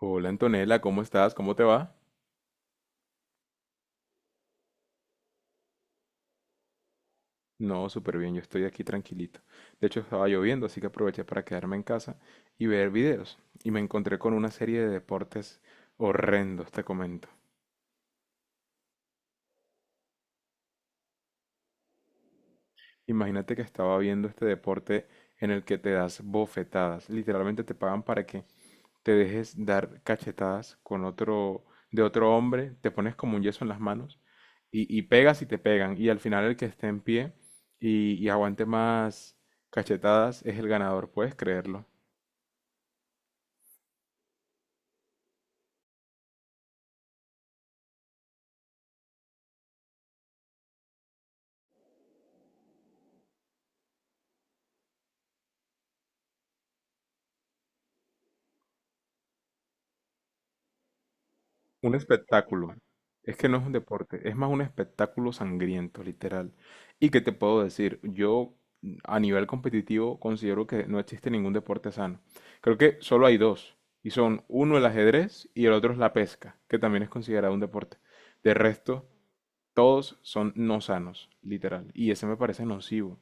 Hola Antonella, ¿cómo estás? ¿Cómo te va? No, súper bien, yo estoy aquí tranquilito. De hecho, estaba lloviendo, así que aproveché para quedarme en casa y ver videos. Y me encontré con una serie de deportes horrendos, te comento. Imagínate que estaba viendo este deporte en el que te das bofetadas. Literalmente te pagan para que te dejes dar cachetadas con otro, de otro hombre, te pones como un yeso en las manos y pegas y te pegan. Y al final el que esté en pie y aguante más cachetadas es el ganador, ¿puedes creerlo? Un espectáculo. Es que no es un deporte, es más un espectáculo sangriento, literal. ¿Y qué te puedo decir? Yo a nivel competitivo considero que no existe ningún deporte sano. Creo que solo hay dos. Y son uno el ajedrez y el otro es la pesca, que también es considerado un deporte. De resto, todos son no sanos, literal. Y ese me parece nocivo.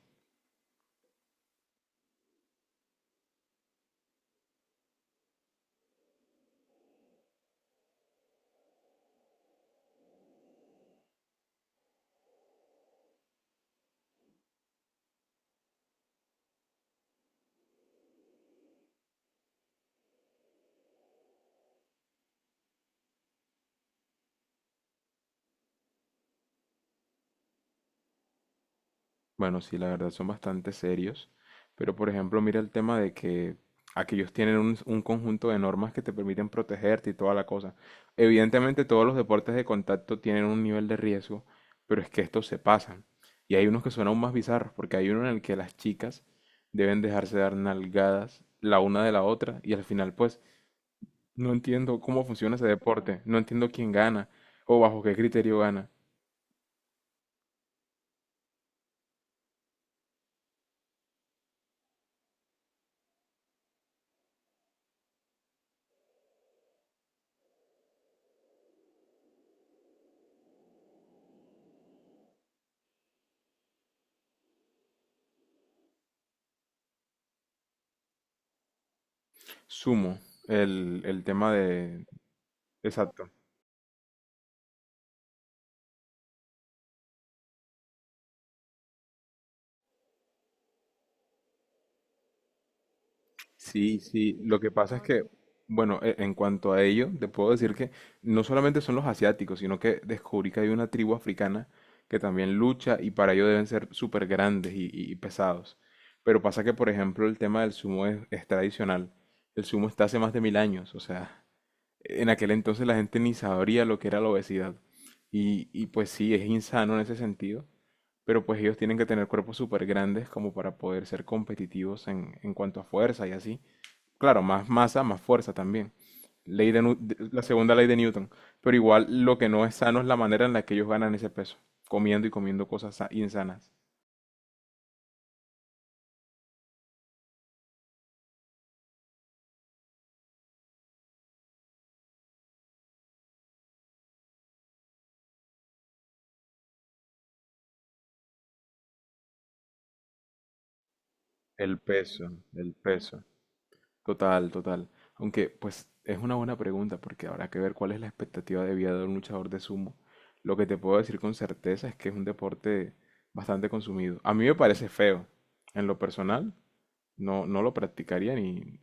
Bueno, sí, la verdad son bastante serios, pero por ejemplo, mira el tema de que aquellos tienen un conjunto de normas que te permiten protegerte y toda la cosa. Evidentemente todos los deportes de contacto tienen un nivel de riesgo, pero es que estos se pasan. Y hay unos que son aún más bizarros, porque hay uno en el que las chicas deben dejarse dar nalgadas la una de la otra y al final pues no entiendo cómo funciona ese deporte, no entiendo quién gana o bajo qué criterio gana. Sumo, el tema de. Exacto. Sí, sí, lo que pasa es que, bueno, en cuanto a ello, te puedo decir que no solamente son los asiáticos, sino que descubrí que hay una tribu africana que también lucha y para ello deben ser súper grandes y pesados. Pero pasa que, por ejemplo, el tema del sumo es tradicional. El sumo está hace más de 1000 años, o sea, en aquel entonces la gente ni sabría lo que era la obesidad. Y pues sí, es insano en ese sentido, pero pues ellos tienen que tener cuerpos súper grandes como para poder ser competitivos en cuanto a fuerza y así. Claro, más masa, más fuerza también. Ley de Nu- de- La segunda ley de Newton. Pero igual lo que no es sano es la manera en la que ellos ganan ese peso, comiendo y comiendo cosas insanas. El peso, el peso. Total, total. Aunque, pues, es una buena pregunta porque habrá que ver cuál es la expectativa de vida de un luchador de sumo. Lo que te puedo decir con certeza es que es un deporte bastante consumido. A mí me parece feo, en lo personal. No, no lo practicaría ni,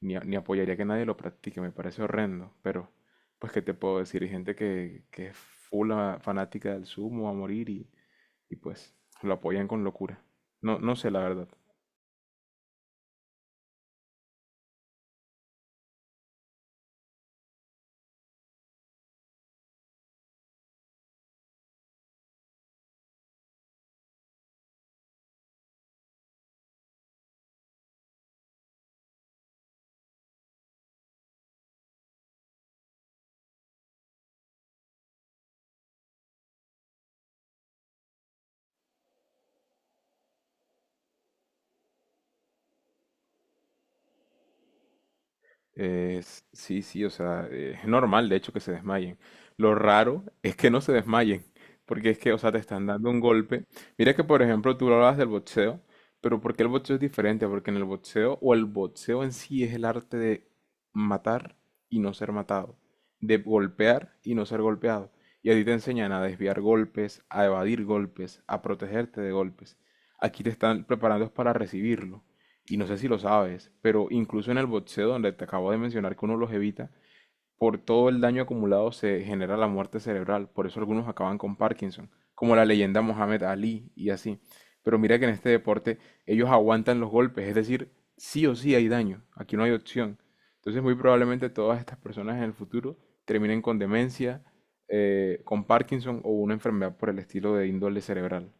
ni, a- ni apoyaría que nadie lo practique, me parece horrendo, pero pues qué te puedo decir, hay gente que es full fanática del sumo a morir y pues lo apoyan con locura. No, no sé la verdad. Sí, sí, o sea, es normal de hecho que se desmayen. Lo raro es que no se desmayen, porque es que, o sea, te están dando un golpe. Mira que, por ejemplo, tú hablabas del boxeo, pero ¿por qué el boxeo es diferente? Porque en el boxeo, o el boxeo en sí es el arte de matar y no ser matado, de golpear y no ser golpeado. Y a ti te enseñan a desviar golpes, a evadir golpes, a protegerte de golpes. Aquí te están preparando es para recibirlo y no sé si lo sabes, pero incluso en el boxeo, donde te acabo de mencionar que uno los evita, por todo el daño acumulado se genera la muerte cerebral, por eso algunos acaban con Parkinson, como la leyenda Mohamed Ali y así. Pero mira que en este deporte ellos aguantan los golpes, es decir, sí o sí hay daño, aquí no hay opción. Entonces muy probablemente todas estas personas en el futuro terminen con demencia, con Parkinson o una enfermedad por el estilo de índole cerebral.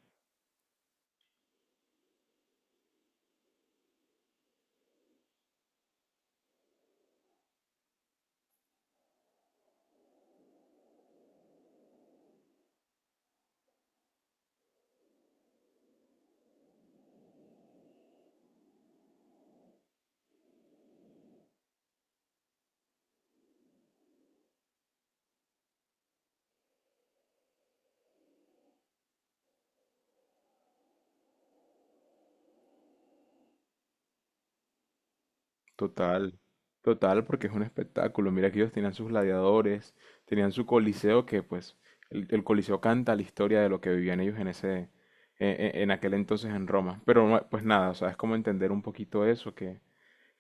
Total, total, porque es un espectáculo. Mira que ellos tenían sus gladiadores, tenían su coliseo, que pues el coliseo canta la historia de lo que vivían ellos en ese, e- e- en, aquel entonces en Roma. Pero no, pues nada, o sea, es como entender un poquito eso,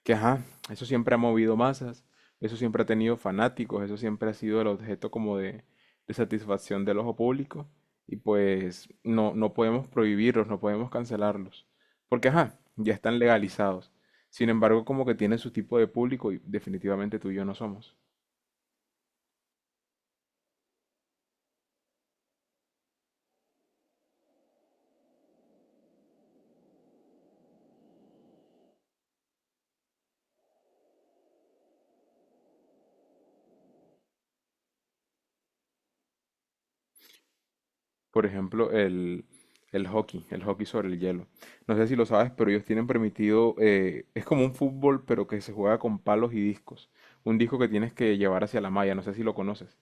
que ajá, eso siempre ha movido masas, eso siempre ha tenido fanáticos, eso siempre ha sido el objeto como de satisfacción del ojo público y pues no, no podemos prohibirlos, no podemos cancelarlos, porque ajá, ya están legalizados. Sin embargo, como que tiene su tipo de público y definitivamente tú y yo no somos. Por ejemplo, el hockey, el hockey sobre el hielo. No sé si lo sabes, pero ellos tienen permitido, es como un fútbol, pero que se juega con palos y discos. Un disco que tienes que llevar hacia la malla, no sé si lo conoces.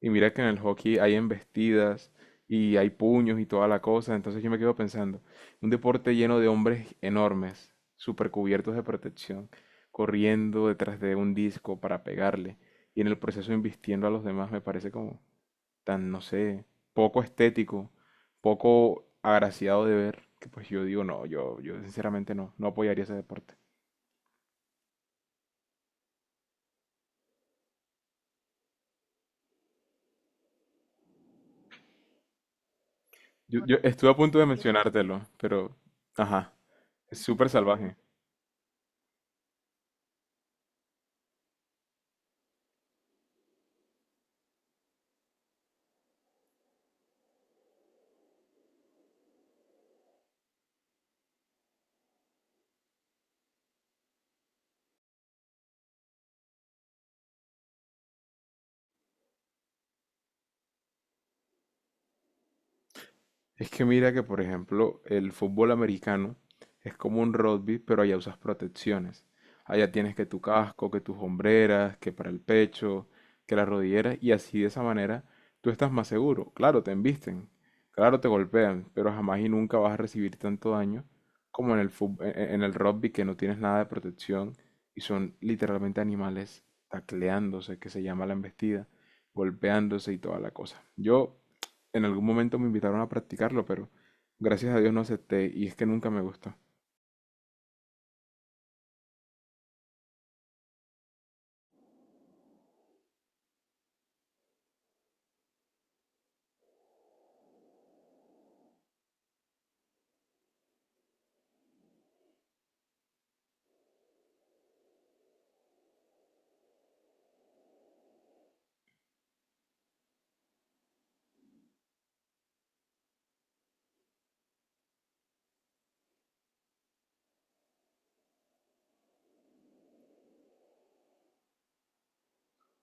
Y mira que en el hockey hay embestidas y hay puños y toda la cosa. Entonces yo me quedo pensando, un deporte lleno de hombres enormes, super cubiertos de protección, corriendo detrás de un disco para pegarle y en el proceso embistiendo a los demás me parece como tan, no sé, poco estético, poco agraciado de ver, que pues yo digo, no, yo sinceramente no, no apoyaría ese deporte. Bueno, yo estuve a punto de mencionártelo, pero, ajá, es súper salvaje. Es que mira que, por ejemplo, el fútbol americano es como un rugby, pero allá usas protecciones. Allá tienes que tu casco, que tus hombreras, que para el pecho, que las rodilleras, y así de esa manera tú estás más seguro. Claro, te embisten, claro, te golpean, pero jamás y nunca vas a recibir tanto daño como en el fut- e- e- en el rugby que no tienes nada de protección y son literalmente animales tacleándose, que se llama la embestida, golpeándose y toda la cosa. Yo en algún momento me invitaron a practicarlo, pero gracias a Dios no acepté y es que nunca me gustó.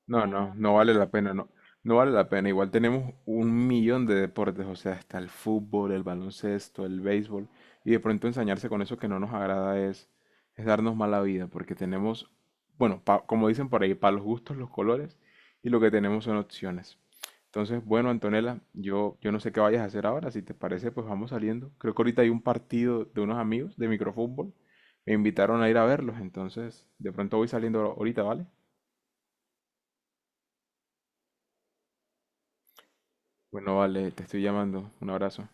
No, no, no vale la pena, no. No vale la pena. Igual tenemos un millón de deportes, o sea, está el fútbol, el baloncesto, el béisbol, y de pronto ensañarse con eso que no nos agrada es darnos mala vida, porque tenemos, bueno, como dicen por ahí, para los gustos, los colores, y lo que tenemos son opciones. Entonces, bueno, Antonella, yo no sé qué vayas a hacer ahora, si te parece, pues vamos saliendo. Creo que ahorita hay un partido de unos amigos de microfútbol, me invitaron a ir a verlos, entonces de pronto voy saliendo ahorita, ¿vale? Bueno, vale, te estoy llamando. Un abrazo.